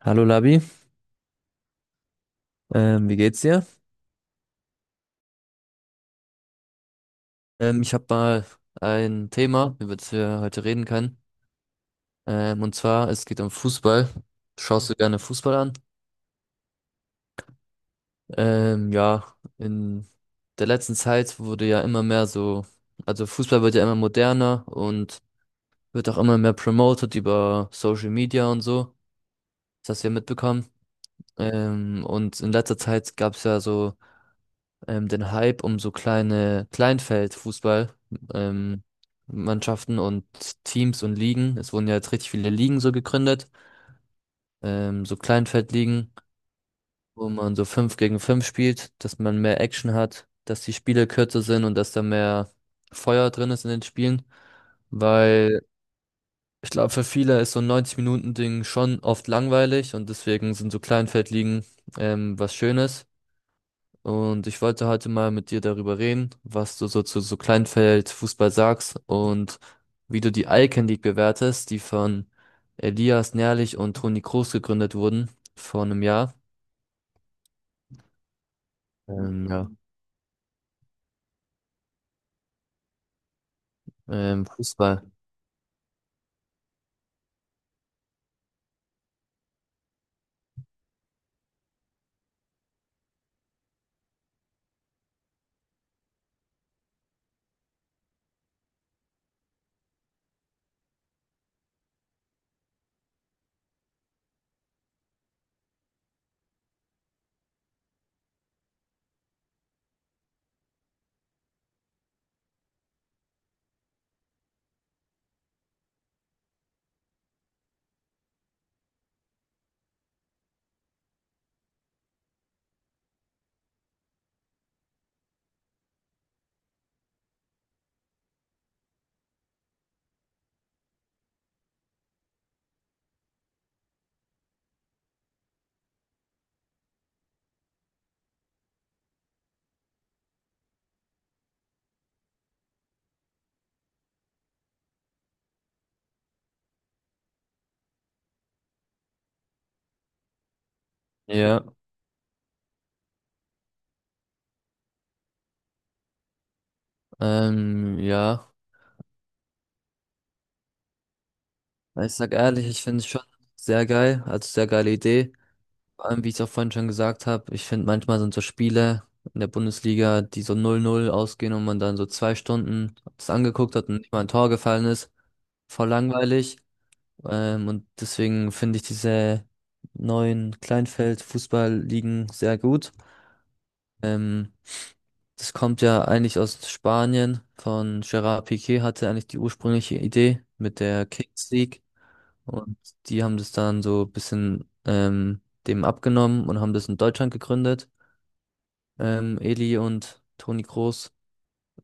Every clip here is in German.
Hallo Labi, wie geht's dir? Ich habe mal ein Thema, über das wir heute reden können. Und zwar, es geht um Fußball. Schaust du gerne Fußball an? Ja, in der letzten Zeit wurde ja immer mehr so, also Fußball wird ja immer moderner und wird auch immer mehr promoted über Social Media und so. Das hast du ja mitbekommen. Und in letzter Zeit gab es ja so den Hype um so kleine Kleinfeldfußball, ähm, Mannschaften und Teams und Ligen. Es wurden ja jetzt richtig viele Ligen so gegründet, so Kleinfeldligen, wo man so fünf gegen fünf spielt, dass man mehr Action hat, dass die Spiele kürzer sind und dass da mehr Feuer drin ist in den Spielen, weil ich glaube, für viele ist so ein 90-Minuten-Ding schon oft langweilig und deswegen sind so Kleinfeldligen was Schönes. Und ich wollte heute mal mit dir darüber reden, was du so zu so Kleinfeldfußball sagst und wie du die Icon League bewertest, die von Elias Nährlich und Toni Kroos gegründet wurden vor einem Jahr. Ja, Fußball. Ja, ja. Ich sag ehrlich, ich finde es schon sehr geil, also sehr geile Idee. Vor allem, wie ich es auch vorhin schon gesagt habe, ich finde manchmal sind so Spiele in der Bundesliga, die so 0-0 ausgehen und man dann so 2 Stunden das angeguckt hat und nicht mal ein Tor gefallen ist, voll langweilig. Und deswegen finde ich diese neuen Kleinfeld-Fußballligen sehr gut. Ähm, Das kommt ja eigentlich aus Spanien. Von Gerard Piqué hatte eigentlich die ursprüngliche Idee mit der Kings League. Und die haben das dann so ein bisschen dem abgenommen und haben das in Deutschland gegründet. Eli und Toni Kroos.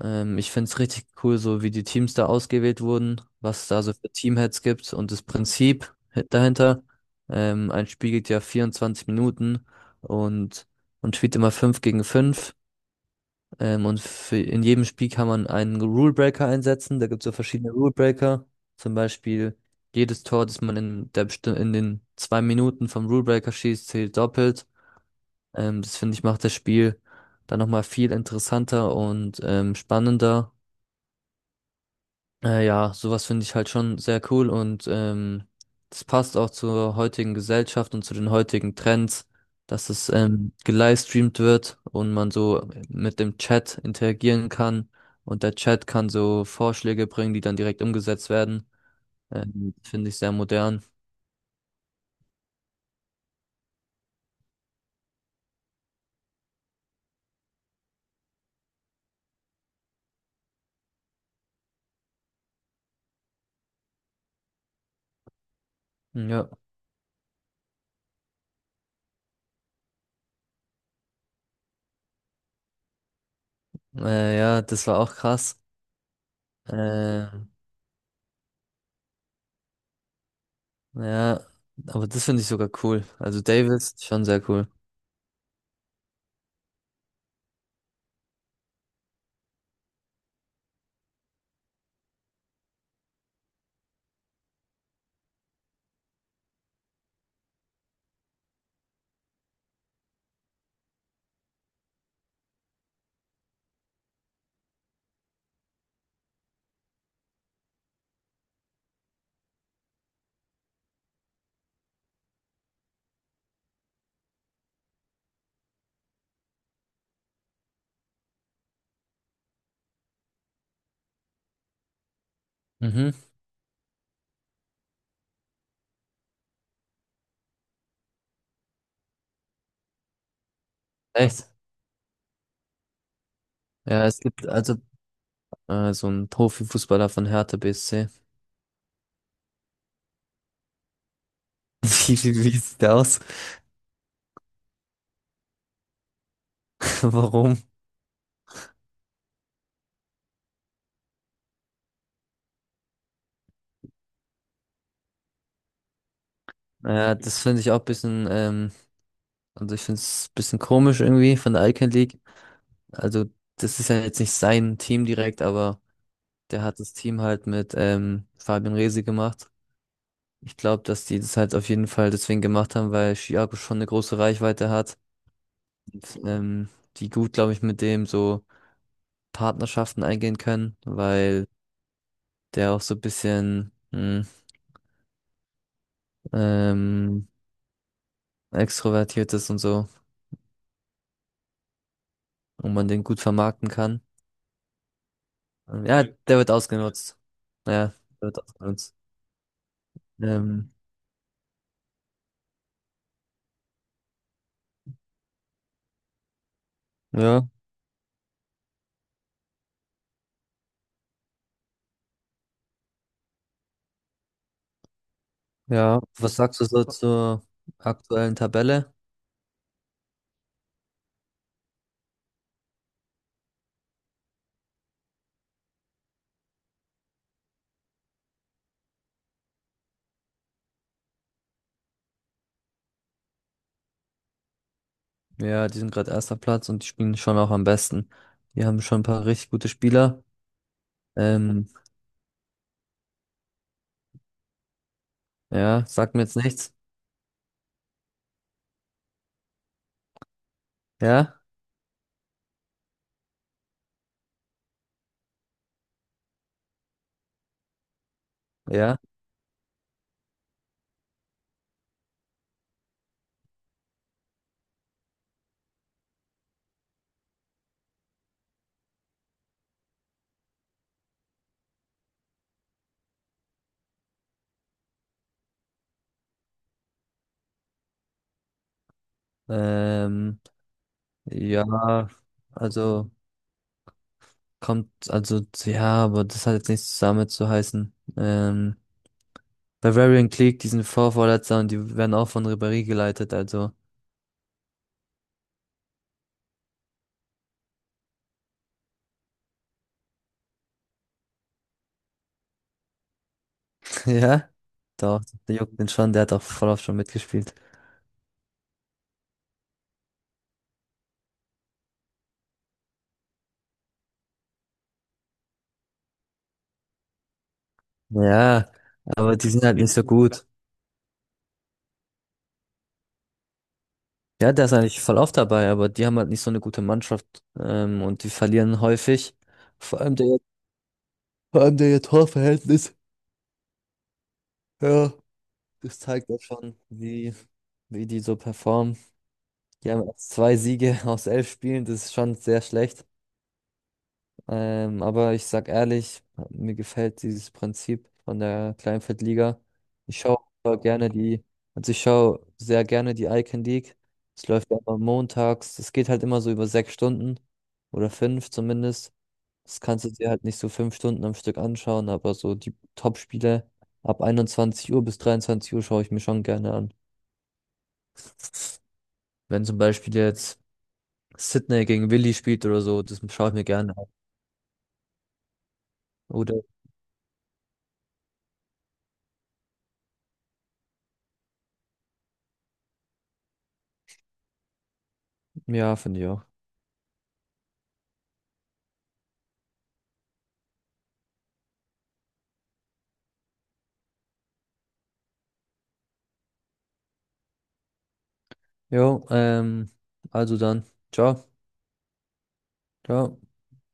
Ich finde es richtig cool, so wie die Teams da ausgewählt wurden, was da so für Teamheads gibt und das Prinzip dahinter. Ein Spiel geht ja 24 Minuten und man spielt immer 5 gegen fünf. Und in jedem Spiel kann man einen Rulebreaker einsetzen. Da gibt es so verschiedene Rulebreaker. Zum Beispiel jedes Tor, das man in den 2 Minuten vom Rulebreaker schießt, zählt doppelt. Das finde ich macht das Spiel dann nochmal viel interessanter und spannender. Ja, sowas finde ich halt schon sehr cool und das passt auch zur heutigen Gesellschaft und zu den heutigen Trends, dass es gelivestreamt wird und man so mit dem Chat interagieren kann und der Chat kann so Vorschläge bringen, die dann direkt umgesetzt werden. Finde ich sehr modern. Ja, ja, das war auch krass. Äh, ja, aber das finde ich sogar cool. Also Davis, schon sehr cool. Mhm. Echt? Ja, es gibt, also so ein Profifußballer von Hertha BSC. Wie sieht der aus? Warum? Ja, das finde ich auch ein bisschen, also ich finde es ein bisschen komisch irgendwie von der Icon League. Also das ist ja jetzt nicht sein Team direkt, aber der hat das Team halt mit Fabian Rehse gemacht. Ich glaube, dass die das halt auf jeden Fall deswegen gemacht haben, weil Thiago schon eine große Reichweite hat. Ähm, Die gut, glaube ich, mit dem so Partnerschaften eingehen können, weil der auch so ein bisschen ähm, extrovertiert ist und so und man den gut vermarkten kann. Ja, der wird ausgenutzt. Ja, der wird ausgenutzt. Ähm, ja, ja. Was sagst du so zur aktuellen Tabelle? Ja, die sind gerade erster Platz und die spielen schon auch am besten. Die haben schon ein paar richtig gute Spieler. Ähm, ja, sagt mir jetzt nichts. Ja, ja. Ähm, ja, also kommt, also ja, aber das hat jetzt nichts damit zu heißen. Bavarian Clique, die sind Vorvorletzter und die werden auch von Ribéry geleitet, also Ja? Doch, der juckt den schon, der hat auch voll oft schon mitgespielt. Ja, aber die sind halt nicht so gut. Ja, der ist eigentlich voll oft dabei, aber die haben halt nicht so eine gute Mannschaft, und die verlieren häufig. Vor allem der, vor allem der Torverhältnis, ja, das zeigt ja schon, wie die so performen. Die haben erst zwei Siege aus 11 Spielen, das ist schon sehr schlecht. Aber ich sag ehrlich, mir gefällt dieses Prinzip von der Kleinfeldliga. Ich schaue gerne die, also ich schaue sehr gerne die Icon League. Es läuft ja immer montags. Es geht halt immer so über 6 Stunden oder fünf zumindest. Das kannst du dir halt nicht so 5 Stunden am Stück anschauen, aber so die Top-Spiele ab 21 Uhr bis 23 Uhr schaue ich mir schon gerne an. Wenn zum Beispiel jetzt Sydney gegen Willi spielt oder so, das schaue ich mir gerne an. Oder ja, finde ich auch. Jo, also dann. Ciao, ciao.